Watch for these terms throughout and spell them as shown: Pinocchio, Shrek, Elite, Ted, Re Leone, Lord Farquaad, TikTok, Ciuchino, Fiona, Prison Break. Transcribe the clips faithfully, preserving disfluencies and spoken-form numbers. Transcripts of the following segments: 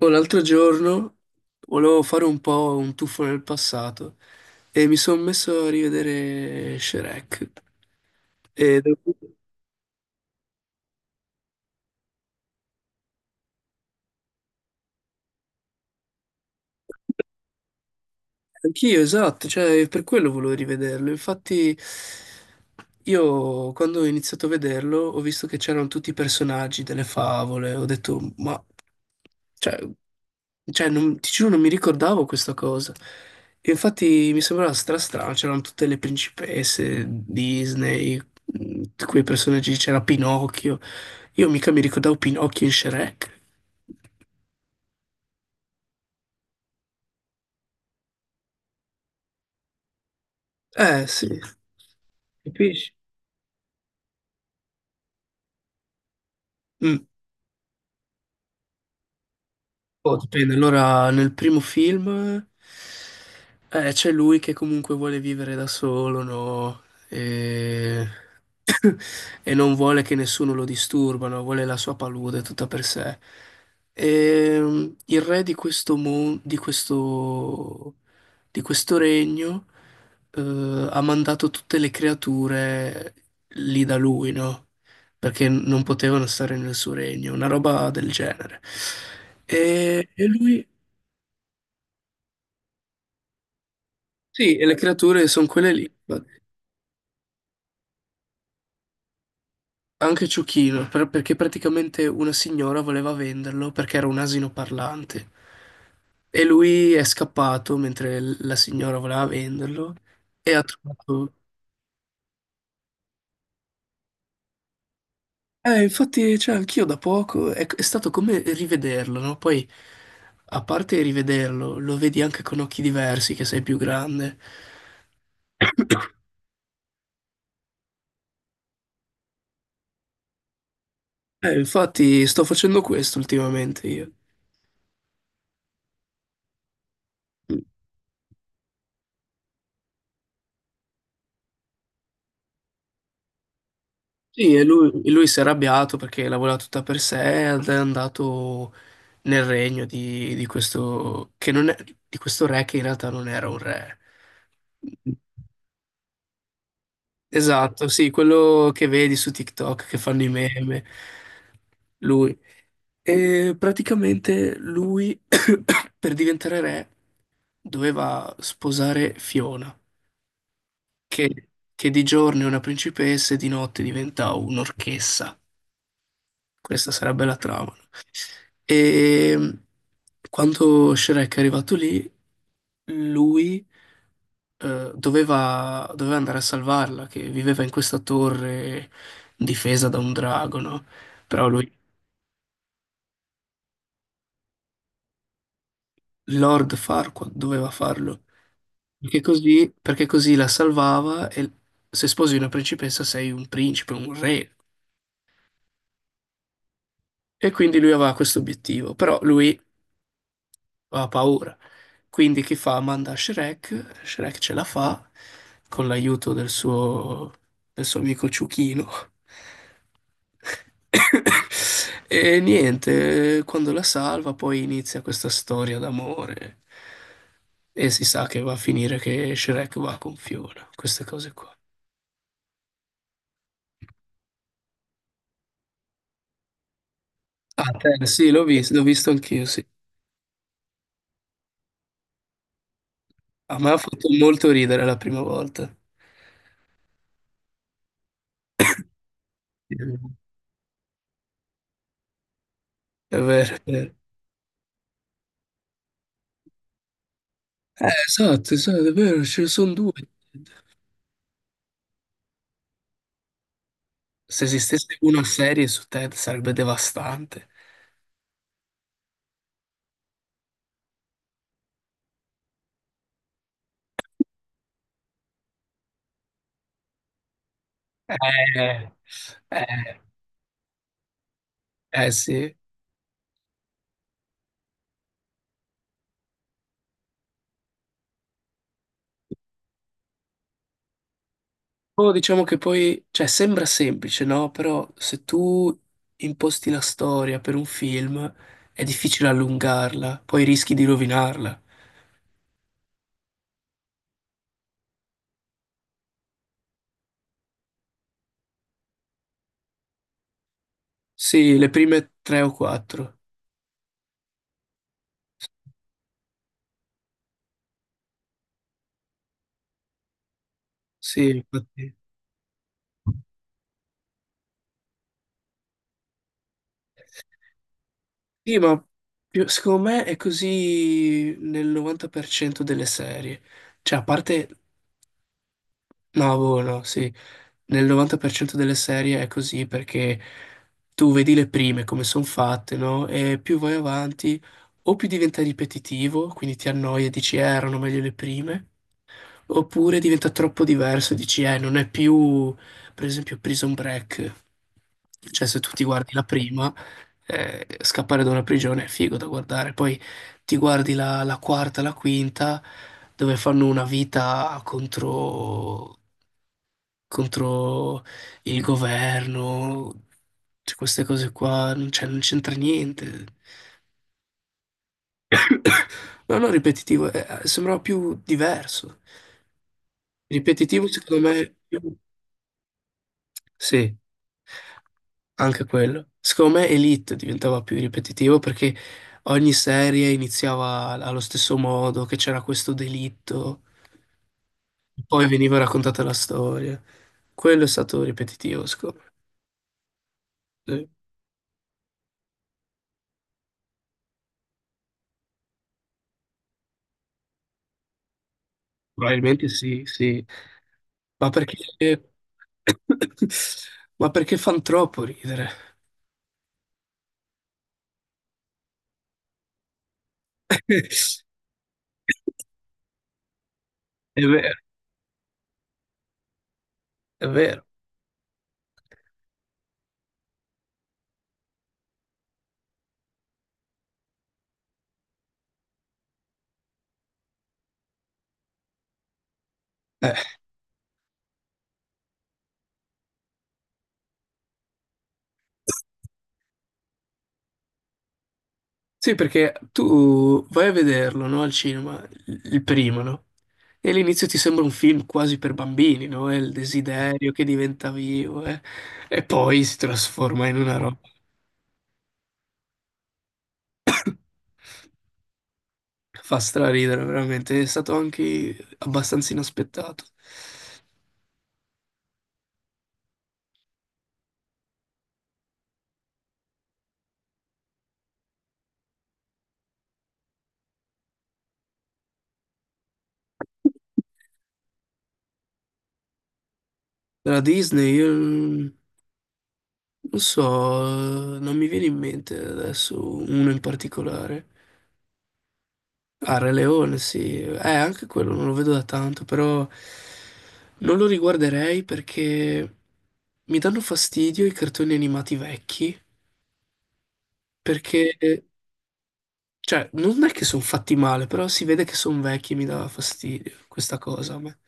Oh, l'altro giorno volevo fare un po' un tuffo nel passato e mi sono messo a rivedere Shrek. E devo- Anch'io, esatto, cioè per quello volevo rivederlo. Infatti io quando ho iniziato a vederlo ho visto che c'erano tutti i personaggi delle favole, ho detto ma cioè, cioè, non, ti giuro non mi ricordavo questa cosa. E infatti mi sembrava stra strano, c'erano tutte le principesse Disney, mh, quei personaggi, c'era Pinocchio. Io mica mi ricordavo Pinocchio in Shrek. Eh sì, capisci? Mm. Oh, dipende. Allora, nel primo film eh, c'è lui che comunque vuole vivere da solo, no? E e non vuole che nessuno lo disturbano, vuole la sua palude tutta per sé. E mm, il re di questo, mon- di questo, di questo regno eh, ha mandato tutte le creature lì da lui, no? Perché non potevano stare nel suo regno, una roba del genere. E, e lui, sì, e le creature sono quelle lì. Anche Ciuchino, per- perché praticamente una signora voleva venderlo perché era un asino parlante. E lui è scappato mentre l- la signora voleva venderlo e ha trovato... Eh, infatti, cioè, anch'io da poco è, è stato come rivederlo, no? Poi, a parte rivederlo, lo vedi anche con occhi diversi, che sei più grande. Eh, infatti, sto facendo questo ultimamente io. Sì, e lui, e lui si è arrabbiato perché la voleva tutta per sé ed è andato nel regno di, di questo, che non è, di questo re che in realtà non era un re. Esatto, sì, quello che vedi su TikTok che fanno i meme, lui. E praticamente lui, per diventare re, doveva sposare Fiona, che, che di giorno è una principessa e di notte diventa un'orchessa. Questa sarebbe la trama. E quando Shrek è arrivato lì, lui eh, doveva, doveva andare a salvarla, che viveva in questa torre difesa da un drago, no? Però lui, Lord Farquaad, doveva farlo. Perché così, perché così la salvava e se sposi una principessa sei un principe, un re. E quindi lui aveva questo obiettivo. Però lui ha paura. Quindi chi fa? Manda Shrek, Shrek ce la fa con l'aiuto del suo, del suo amico Ciuchino. E niente, quando la salva poi inizia questa storia d'amore e si sa che va a finire che Shrek va con Fiona, queste cose qua. Ah, te, sì, l'ho visto, l'ho visto anch'io, sì. A me ha fatto molto ridere la prima volta. Sì. È vero, è vero. Eh, esatto, esatto, è vero, ce ne sono due. Se esistesse una serie su Ted sarebbe devastante. Eh, eh, Eh sì. Oh, diciamo che poi, cioè, sembra semplice, no? Però se tu imposti la storia per un film è difficile allungarla, poi rischi di rovinarla. Sì, le prime tre o quattro. Sì, infatti. Sì, ma più- secondo me è così nel novanta per cento delle serie. Cioè, a parte no, boh, no, sì. Nel novanta per cento delle serie è così perché tu vedi le prime come sono fatte, no? E più vai avanti, o più diventa ripetitivo, quindi ti annoia e dici, eh, erano meglio le prime, oppure diventa troppo diverso, dici, eh, non è più, per esempio, Prison Break. Cioè, se tu ti guardi la prima, eh, scappare da una prigione è figo da guardare. Poi ti guardi la, la quarta, la quinta, dove fanno una vita contro, contro il governo. Cioè, queste cose qua, non c'è- non c'entra niente. No, no, ripetitivo, eh, eh, sembrava più diverso. Ripetitivo, secondo me, sì, anche quello. Secondo me Elite diventava più ripetitivo perché ogni serie iniziava allo stesso modo, che c'era questo delitto, poi veniva raccontata la storia. Quello è stato ripetitivo, secondo me. Sì. Probabilmente sì, sì. Ma perché... Ma perché fan troppo ridere? È vero, è vero. Eh. Sì, perché tu vai a vederlo, no, al cinema, il il primo, no? E all'inizio ti sembra un film quasi per bambini, no? È il desiderio che diventa vivo, eh. E poi si trasforma in una roba che fa straridere, veramente. È stato anche abbastanza inaspettato. Della Disney, io non so, non mi viene in mente adesso uno in particolare. Ah, Re Leone, sì. Eh, anche quello non lo vedo da tanto, però non lo riguarderei perché mi danno fastidio i cartoni animati vecchi, perché, cioè, non è che sono fatti male, però si vede che sono vecchi e mi dà fastidio questa cosa a me.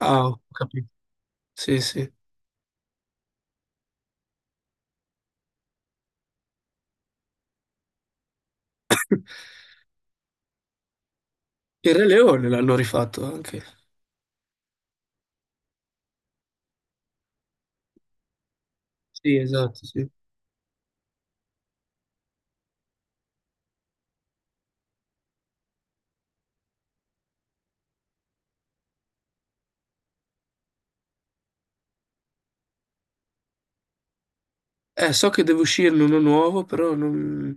Ah, ho capito. Sì, sì. Il Re Leone l'hanno rifatto anche. Sì, esatto, sì. Eh, so che deve uscirne uno nuovo, però non...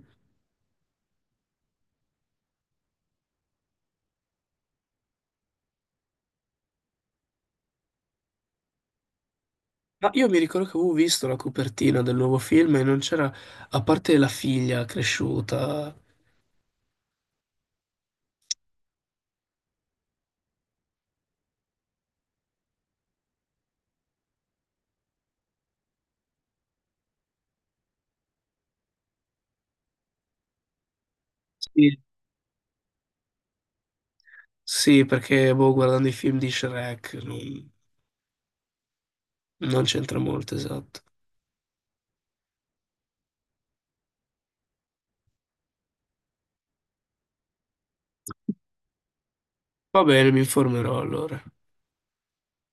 Ma io mi ricordo che avevo visto la copertina del nuovo film e non c'era, a parte la figlia cresciuta. Sì. Sì, perché boh, guardando i film di Shrek non, non c'entra molto, esatto. Va bene, mi informerò allora.